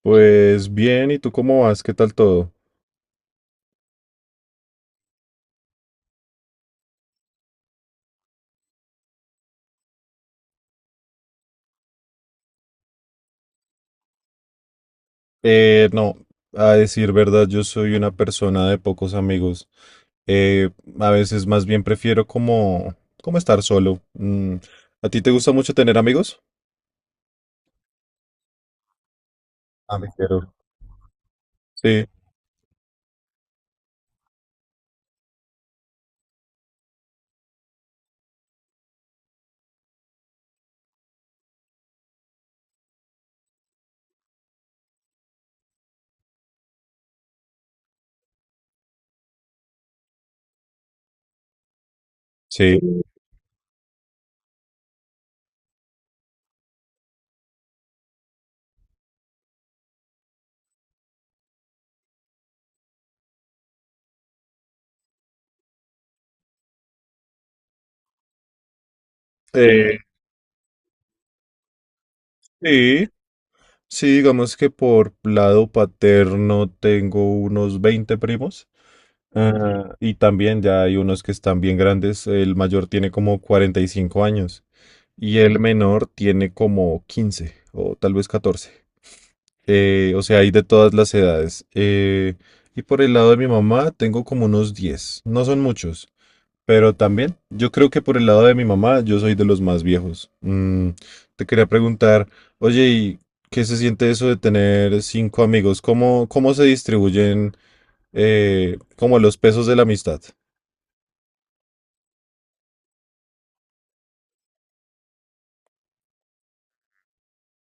Pues bien, ¿y tú cómo vas? ¿Qué tal todo? No, a decir verdad, yo soy una persona de pocos amigos. Eh, a veces más bien prefiero como estar solo. ¿A ti te gusta mucho tener amigos? Ah, me quiero. Sí, sí. Eh, sí, sí, digamos que por lado paterno tengo unos 20 primos. Ah, y también ya hay unos que están bien grandes. El mayor tiene como 45 años. Y el menor tiene como 15 o tal vez 14. O sea, hay de todas las edades. Y por el lado de mi mamá tengo como unos 10. No son muchos, pero también yo creo que por el lado de mi mamá yo soy de los más viejos. Te quería preguntar, Oye, ¿y qué se siente eso de tener cinco amigos? ¿Cómo se distribuyen como los pesos de la amistad?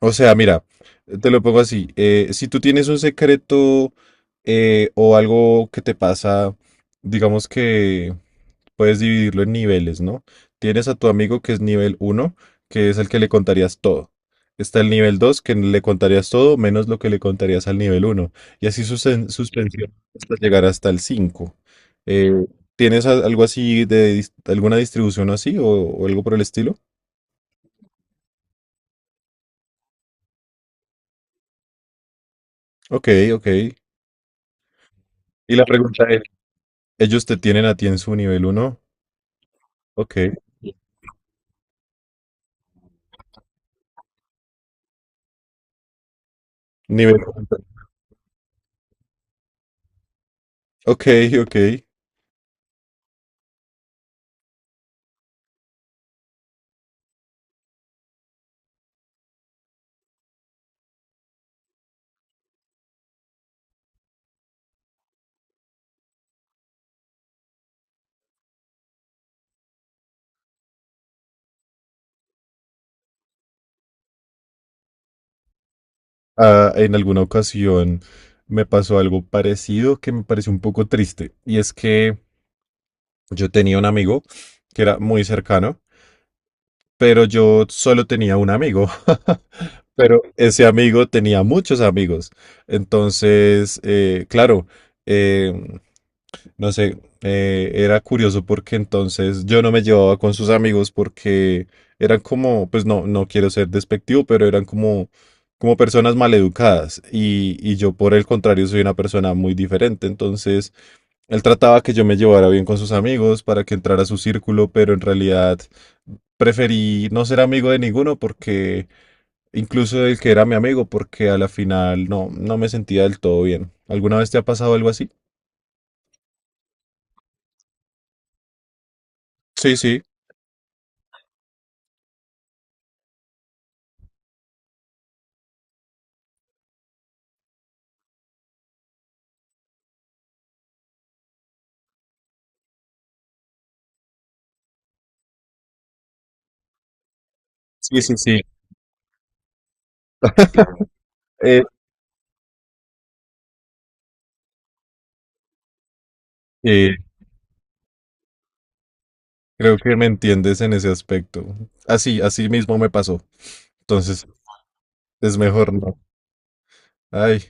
O sea, mira, te lo pongo así. Si tú tienes un secreto o algo que te pasa, digamos que puedes dividirlo en niveles, ¿no? Tienes a tu amigo que es nivel uno, que es el que le contarías todo. Está el nivel 2, que le contarías todo menos lo que le contarías al nivel uno. Y así suspensión hasta llegar hasta el 5. Eh, ¿Tienes algo así de alguna distribución así o algo por el estilo? Ok, ok. Y la pregunta. ¿Ellos te tienen a ti en su nivel uno? Ok. Nivel. Ok, ok. Ah, en alguna ocasión me pasó algo parecido que me pareció un poco triste. Y es que yo tenía un amigo que era muy cercano, pero yo solo tenía un amigo. Pero ese amigo tenía muchos amigos. Entonces, claro, em, no sé, era curioso porque entonces yo no me llevaba con sus amigos porque eran como, pues no, no quiero ser despectivo, pero eran como personas maleducadas y yo por el contrario soy una persona muy diferente. Entonces él trataba que yo me llevara bien con sus amigos para que entrara a su círculo, pero en realidad preferí no ser amigo de ninguno porque, incluso del que era mi amigo, porque a la final no, no me sentía del todo bien. ¿Alguna vez te ha pasado algo así? Sí, sí, sí, sí, sí. Eh, eh, creo que me entiendes en ese aspecto. Así mismo me pasó. Entonces, es mejor no. Ay,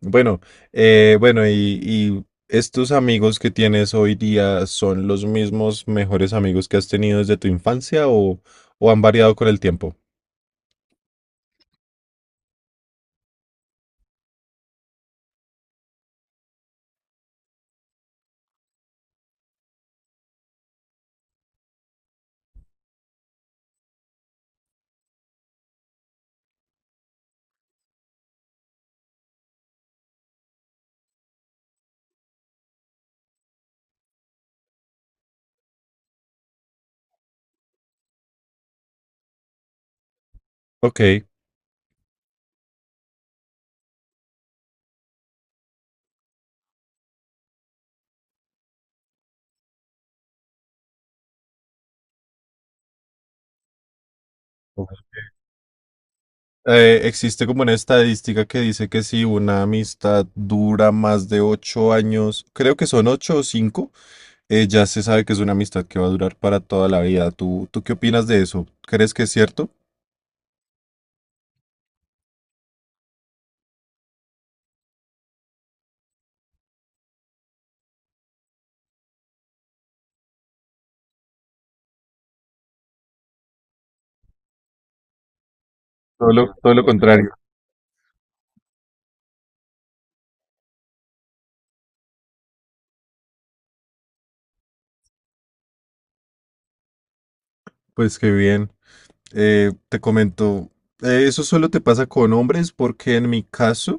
bueno, bueno, y estos amigos que tienes hoy día son los mismos mejores amigos que has tenido desde tu infancia o han variado con el tiempo. Ok. Ok. Existe como una estadística que dice que si una amistad dura más de 8 años, creo que son ocho o cinco, ya se sabe que es una amistad que va a durar para toda la vida. ¿Tú qué opinas de eso? ¿Crees que es cierto? Pues qué bien. Te comento, eso solo te pasa con hombres porque en mi caso.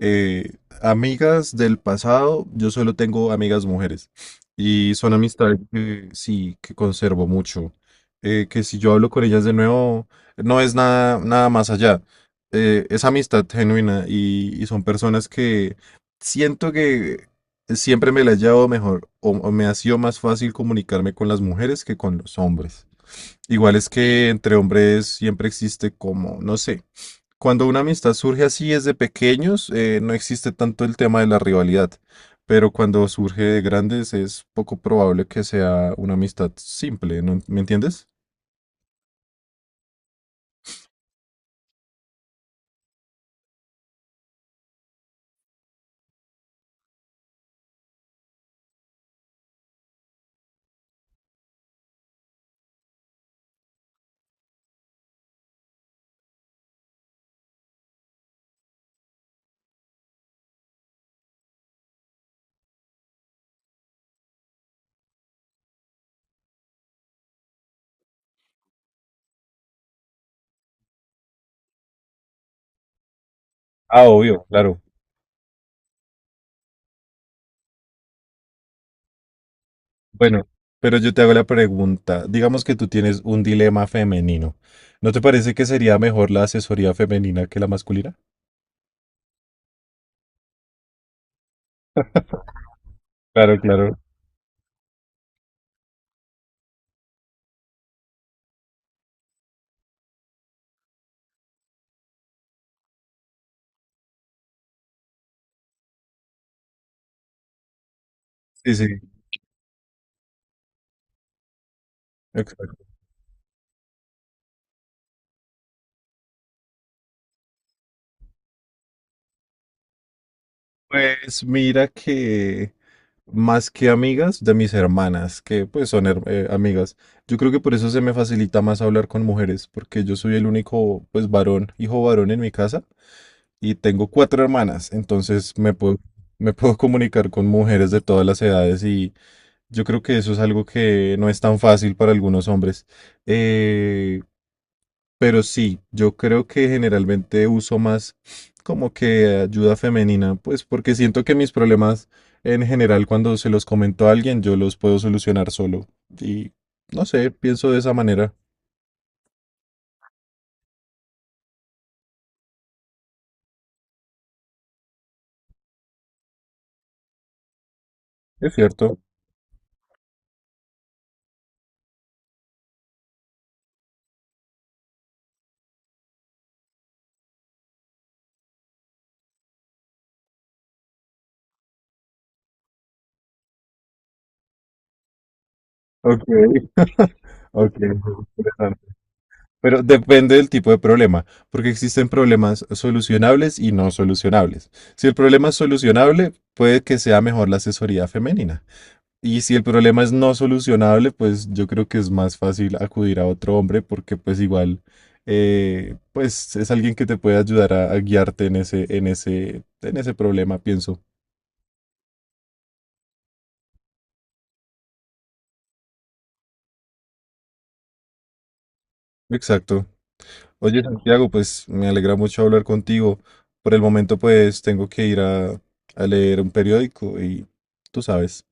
Eh, amigas del pasado, yo solo tengo amigas mujeres y son amistades que sí, que conservo mucho. Que si yo hablo con ellas de nuevo, no es nada, nada más allá. Es amistad genuina y son personas que siento que siempre me la he llevado mejor o me ha sido más fácil comunicarme con las mujeres que con los hombres. Igual es que entre hombres siempre existe como, no sé. Cuando una amistad surge así desde pequeños, no existe tanto el tema de la rivalidad, pero cuando surge de grandes es poco probable que sea una amistad simple, ¿no? ¿Me entiendes? Ah, obvio, claro. Bueno, pero yo te hago la pregunta, digamos que tú tienes un dilema femenino, ¿no te parece que sería mejor la asesoría femenina que la masculina? Claro, claro. Sí, sí. Ok. Pues mira que más que amigas de mis hermanas, que pues son amigas, yo creo que por eso se me facilita más hablar con mujeres, porque yo soy el único pues varón, hijo varón en mi casa y tengo cuatro hermanas, entonces me puedo, me puedo comunicar con mujeres de todas las edades y yo creo que eso es algo que no es tan fácil para algunos hombres. Eh, pero sí, yo creo que generalmente uso más como que ayuda femenina, pues porque siento que mis problemas en general cuando se los comento a alguien yo los puedo solucionar solo. Y no sé, pienso de esa manera. Es cierto. Ok, ok, interesante. Pero depende del tipo de problema, porque existen problemas solucionables y no solucionables. Si el problema es solucionable, puede que sea mejor la asesoría femenina. Y si el problema es no solucionable, pues yo creo que es más fácil acudir a otro hombre porque pues igual pues es alguien que te puede ayudar a guiarte en ese, en ese problema, pienso. Exacto. Oye, Santiago, pues me alegra mucho hablar contigo. Por el momento, pues tengo que ir a leer un periódico y tú sabes.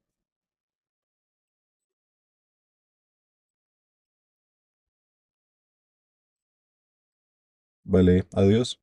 Vale, adiós.